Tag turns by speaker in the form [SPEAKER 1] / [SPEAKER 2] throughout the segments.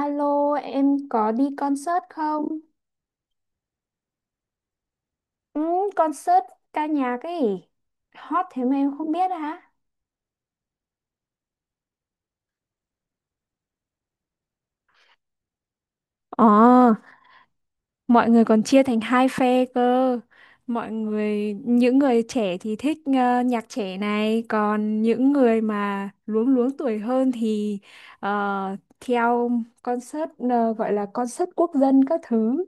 [SPEAKER 1] Alo, em có đi concert không? Ừ, Concert ca nhạc ấy. Hot thế mà em không biết hả? Ờ, Mọi người còn chia thành hai phe cơ. Mọi người, những người trẻ thì thích nhạc trẻ này, còn những người mà luống luống tuổi hơn thì theo concert, gọi là concert quốc dân các thứ.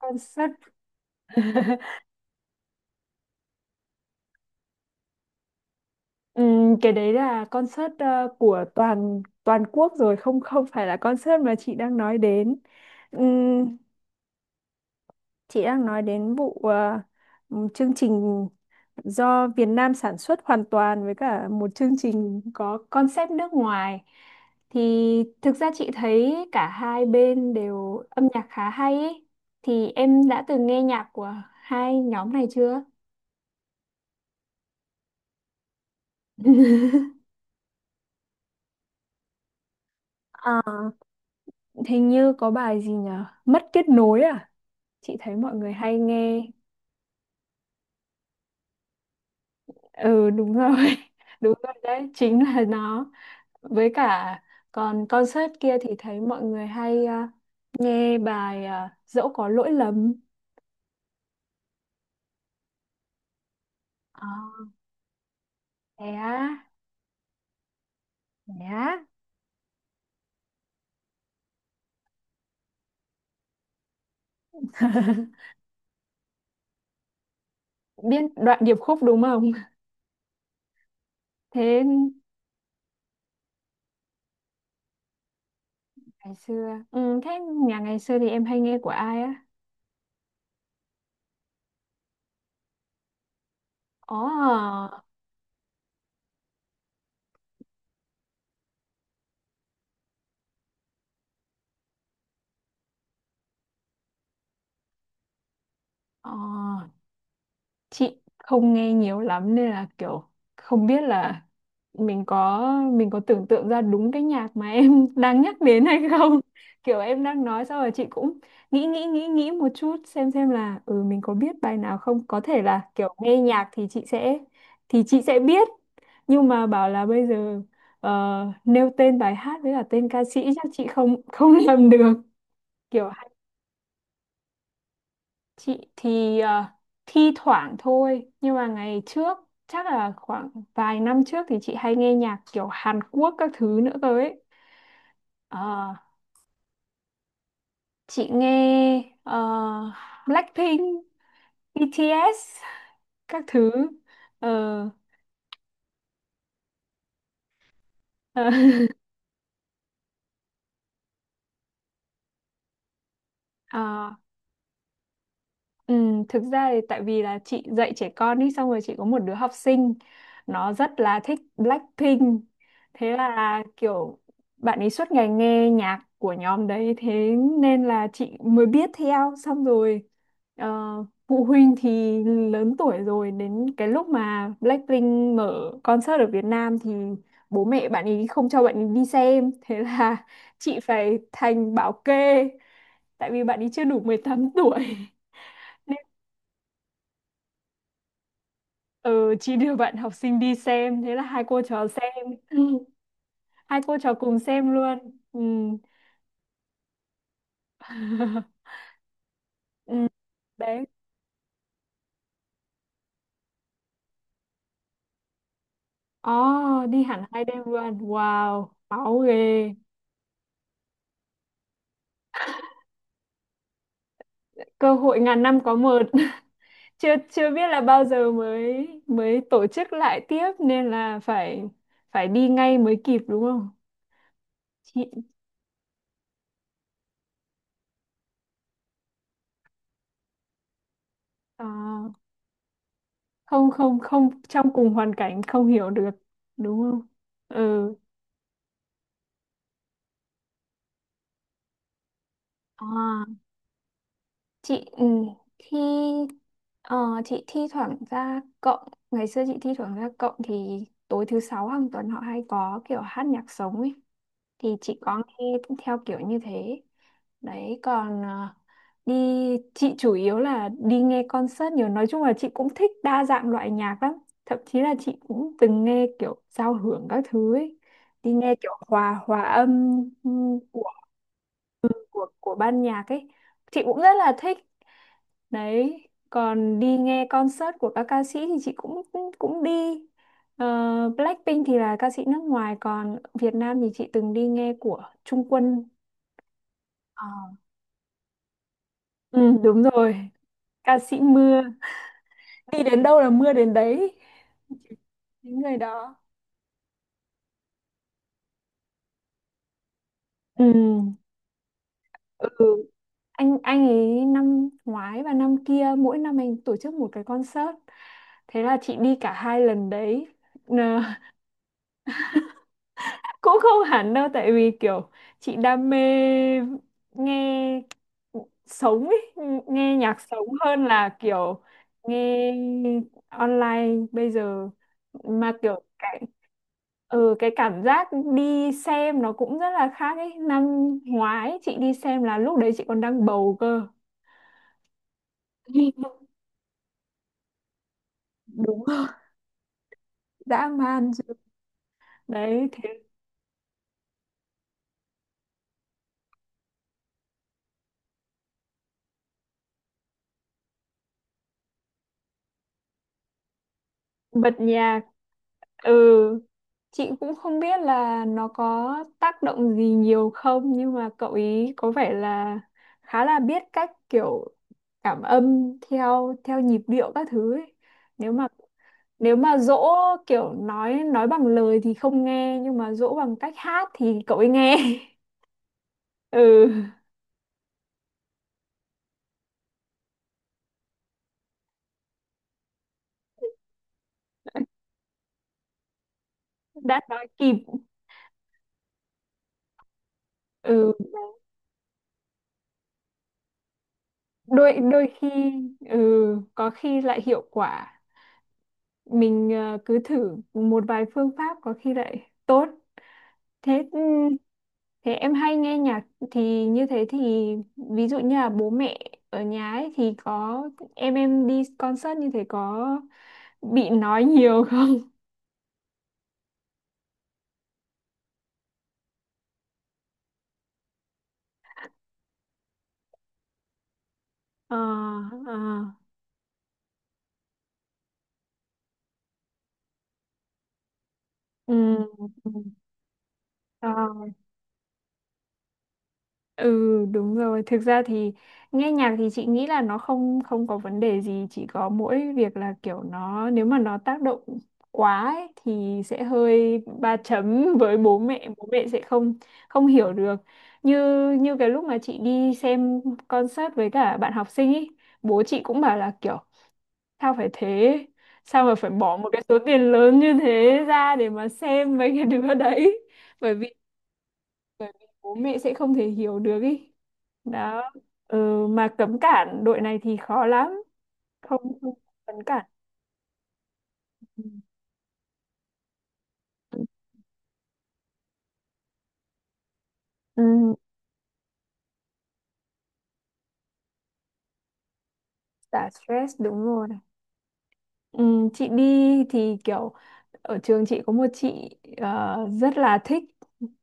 [SPEAKER 1] Concert. Cái đấy là concert của toàn toàn quốc rồi, không không phải là concert mà chị đang nói đến. Ừm, chị đang nói đến vụ chương trình do Việt Nam sản xuất hoàn toàn với cả một chương trình có concept nước ngoài, thì thực ra chị thấy cả hai bên đều âm nhạc khá hay ấy. Thì em đã từng nghe nhạc của hai nhóm này chưa? Ờ, Hình như có bài gì nhở, Mất kết nối à? Chị thấy mọi người hay nghe. Ừ, đúng rồi. Đúng rồi, đấy chính là nó. Với cả còn concert kia thì thấy mọi người hay, nghe bài, dẫu có lỗi lầm. À, thế á? Thế á? Biết đoạn điệp khúc đúng không? Thế ngày xưa, ừ, thế nhà ngày xưa thì em hay nghe của ai á? Ồ. Ồ, chị không nghe nhiều lắm nên là kiểu không biết là mình có, mình có tưởng tượng ra đúng cái nhạc mà em đang nhắc đến hay không. Kiểu em đang nói xong rồi chị cũng nghĩ nghĩ nghĩ nghĩ một chút xem là ừ mình có biết bài nào không, có thể là kiểu nghe nhạc thì chị sẽ, thì chị sẽ biết, nhưng mà bảo là bây giờ nêu tên bài hát với cả tên ca sĩ chắc chị không không làm được. Kiểu chị thì thi thoảng thôi, nhưng mà ngày trước chắc là khoảng vài năm trước thì chị hay nghe nhạc kiểu Hàn Quốc các thứ nữa cơ ấy. Ờ, chị nghe Blackpink, BTS các thứ. Ờ, ờ, ờ. Ừ, thực ra thì tại vì là chị dạy trẻ con đi, xong rồi chị có một đứa học sinh nó rất là thích Blackpink, thế là kiểu bạn ấy suốt ngày nghe nhạc của nhóm đấy, thế nên là chị mới biết theo. Xong rồi ờ, phụ huynh thì lớn tuổi rồi, đến cái lúc mà Blackpink mở concert ở Việt Nam thì bố mẹ bạn ấy không cho bạn ấy đi xem, thế là chị phải thành bảo kê tại vì bạn ấy chưa đủ 18 tuổi. Ừ, chị đưa bạn học sinh đi xem, thế là hai cô trò xem. Ừ, hai cô trò cùng xem luôn. Ừ. Ừ. Đấy. Oh, đi hẳn hai đêm luôn, wow máu ghê. Cơ hội ngàn năm có một. chưa chưa biết là bao giờ mới mới tổ chức lại tiếp nên là phải, phải đi ngay mới kịp đúng không chị? À, không không không trong cùng hoàn cảnh không hiểu được đúng không? Ừ. À. Chị, ừ, thi, ờ, chị thi thoảng ra cộng, ngày xưa chị thi thoảng ra cộng thì tối thứ sáu hàng tuần họ hay có kiểu hát nhạc sống ấy, thì chị có nghe theo kiểu như thế. Đấy còn đi, chị chủ yếu là đi nghe concert nhiều, nói chung là chị cũng thích đa dạng loại nhạc lắm, thậm chí là chị cũng từng nghe kiểu giao hưởng các thứ ấy, đi nghe kiểu hòa hòa âm, ừ, của của ban nhạc ấy, chị cũng rất là thích. Đấy, còn đi nghe concert của các ca sĩ thì chị cũng cũng cũng đi. Ờ, Blackpink thì là ca sĩ nước ngoài, còn Việt Nam thì chị từng đi nghe của Trung Quân. Ờ. Ừ, đúng rồi, ca sĩ mưa. Đi đến đâu là mưa đến đấy. Những người đó. Ừ. Ừ. Anh ấy năm ngoái và năm kia mỗi năm anh tổ chức một cái concert. Thế là chị đi cả hai lần đấy. Cũng không hẳn đâu, tại vì kiểu chị đam mê nghe sống ấy, nghe nhạc sống hơn là kiểu nghe online bây giờ, mà kiểu cái, ừ, cái cảm giác đi xem nó cũng rất là khác ấy. Năm ngoái chị đi xem là lúc đấy chị còn đang bầu cơ. Đúng rồi, dã man rồi. Đấy thế. Bật nhạc, ừ. Chị cũng không biết là nó có tác động gì nhiều không, nhưng mà cậu ý có vẻ là khá là biết cách kiểu cảm âm theo theo nhịp điệu các thứ ấy. Nếu mà, nếu mà dỗ kiểu nói bằng lời thì không nghe, nhưng mà dỗ bằng cách hát thì cậu ấy nghe. Ừ, đã nói kịp. Ừ, đôi đôi khi, ừ, có khi lại hiệu quả. Mình cứ thử một vài phương pháp có khi lại tốt. Thế, ừ, thế em hay nghe nhạc thì như thế thì ví dụ như là bố mẹ ở nhà ấy thì có, em đi concert như thế có bị nói nhiều không? Ờ, ờ, ừ, ừ, ờ. Ừ đúng rồi, thực ra thì nghe nhạc thì chị nghĩ là nó không không có vấn đề gì, chỉ có mỗi việc là kiểu nó, nếu mà nó tác động quá ấy, thì sẽ hơi ba chấm với bố mẹ sẽ không không hiểu được. Như, như cái lúc mà chị đi xem concert với cả bạn học sinh ấy, bố chị cũng bảo là kiểu sao phải thế, sao mà phải bỏ một cái số tiền lớn như thế ra để mà xem mấy cái đứa đấy. Bởi vì, bởi vì bố mẹ sẽ không thể hiểu được ý đó. Ừ, mà cấm cản đội này thì khó lắm, không không cấm cản. Ừ. Ừ, xả stress đúng rồi. Ừ, chị đi thì kiểu ở trường chị có một chị rất là thích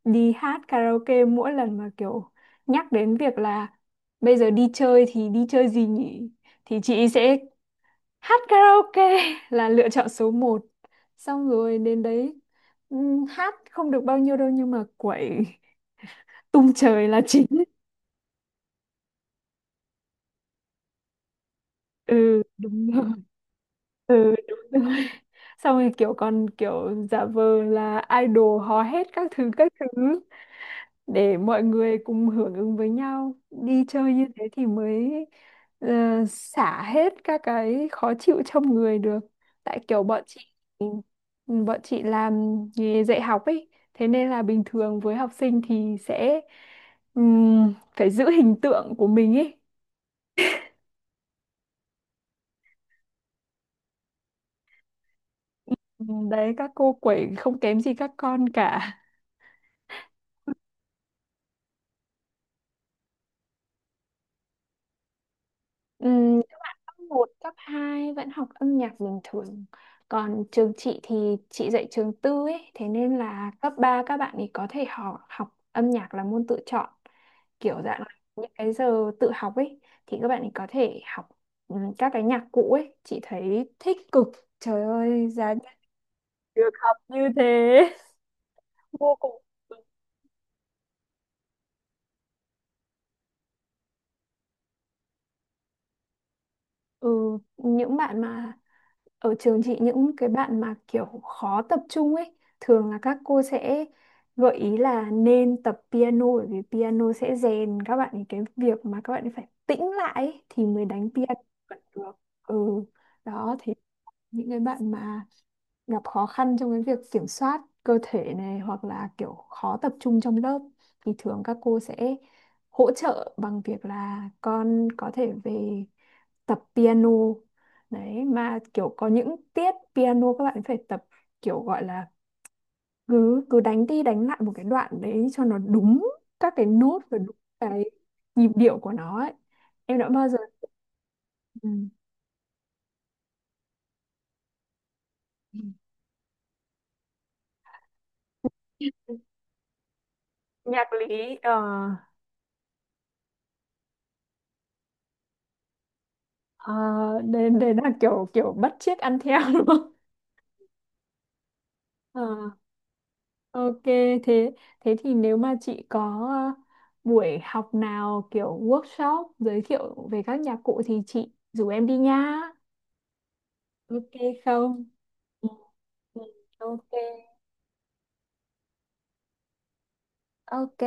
[SPEAKER 1] đi hát karaoke, mỗi lần mà kiểu nhắc đến việc là bây giờ đi chơi thì đi chơi gì nhỉ thì chị sẽ hát karaoke là lựa chọn số một, xong rồi đến đấy hát không được bao nhiêu đâu nhưng mà quẩy tung trời là chính. Ừ đúng rồi, ừ đúng rồi. Xong rồi kiểu còn kiểu giả vờ là idol hò hét các thứ để mọi người cùng hưởng ứng với nhau, đi chơi như thế thì mới ờ, xả hết các cái khó chịu trong người được. Tại kiểu bọn, ừ, bọn chị làm nghề dạy học ấy, thế nên là bình thường với học sinh thì sẽ phải giữ hình tượng của mình ấy. Đấy, các cô quẩy không kém gì các con cả. Ừm, Cấp một cấp 2 vẫn học âm nhạc bình thường. Còn trường chị thì chị dạy trường tư ấy, thế nên là cấp 3 các bạn ấy có thể học học âm nhạc là môn tự chọn. Kiểu dạng là những cái giờ tự học ấy thì các bạn ấy có thể học, ừ, các cái nhạc cụ ấy, chị thấy thích cực. Trời ơi, giá nhà được học như thế. Vô cùng. Ừ, những bạn mà ở trường chị, những cái bạn mà kiểu khó tập trung ấy thường là các cô sẽ gợi ý là nên tập piano, bởi vì piano sẽ rèn các bạn ấy cái việc mà các bạn ấy phải tĩnh lại ấy, thì mới đánh piano vẫn được. Ừ, đó thế, những cái bạn mà gặp khó khăn trong cái việc kiểm soát cơ thể này, hoặc là kiểu khó tập trung trong lớp, thì thường các cô sẽ hỗ trợ bằng việc là con có thể về tập piano. Đấy, mà kiểu có những tiết piano các bạn phải tập, kiểu gọi là cứ cứ đánh đi đánh lại một cái đoạn đấy cho nó đúng các cái nốt và đúng cái nhịp điệu của nó ấy. Em đã bao giờ. Ừ. Nhạc lý, à, đấy, đấy là kiểu kiểu bắt chước ăn theo đúng không? Ờ, ok, thế, thế thì nếu mà chị có ờ, buổi học nào kiểu workshop giới thiệu về các nhạc cụ thì chị rủ em đi nha. Ok không? Ừ, ừ, Ok. Ok.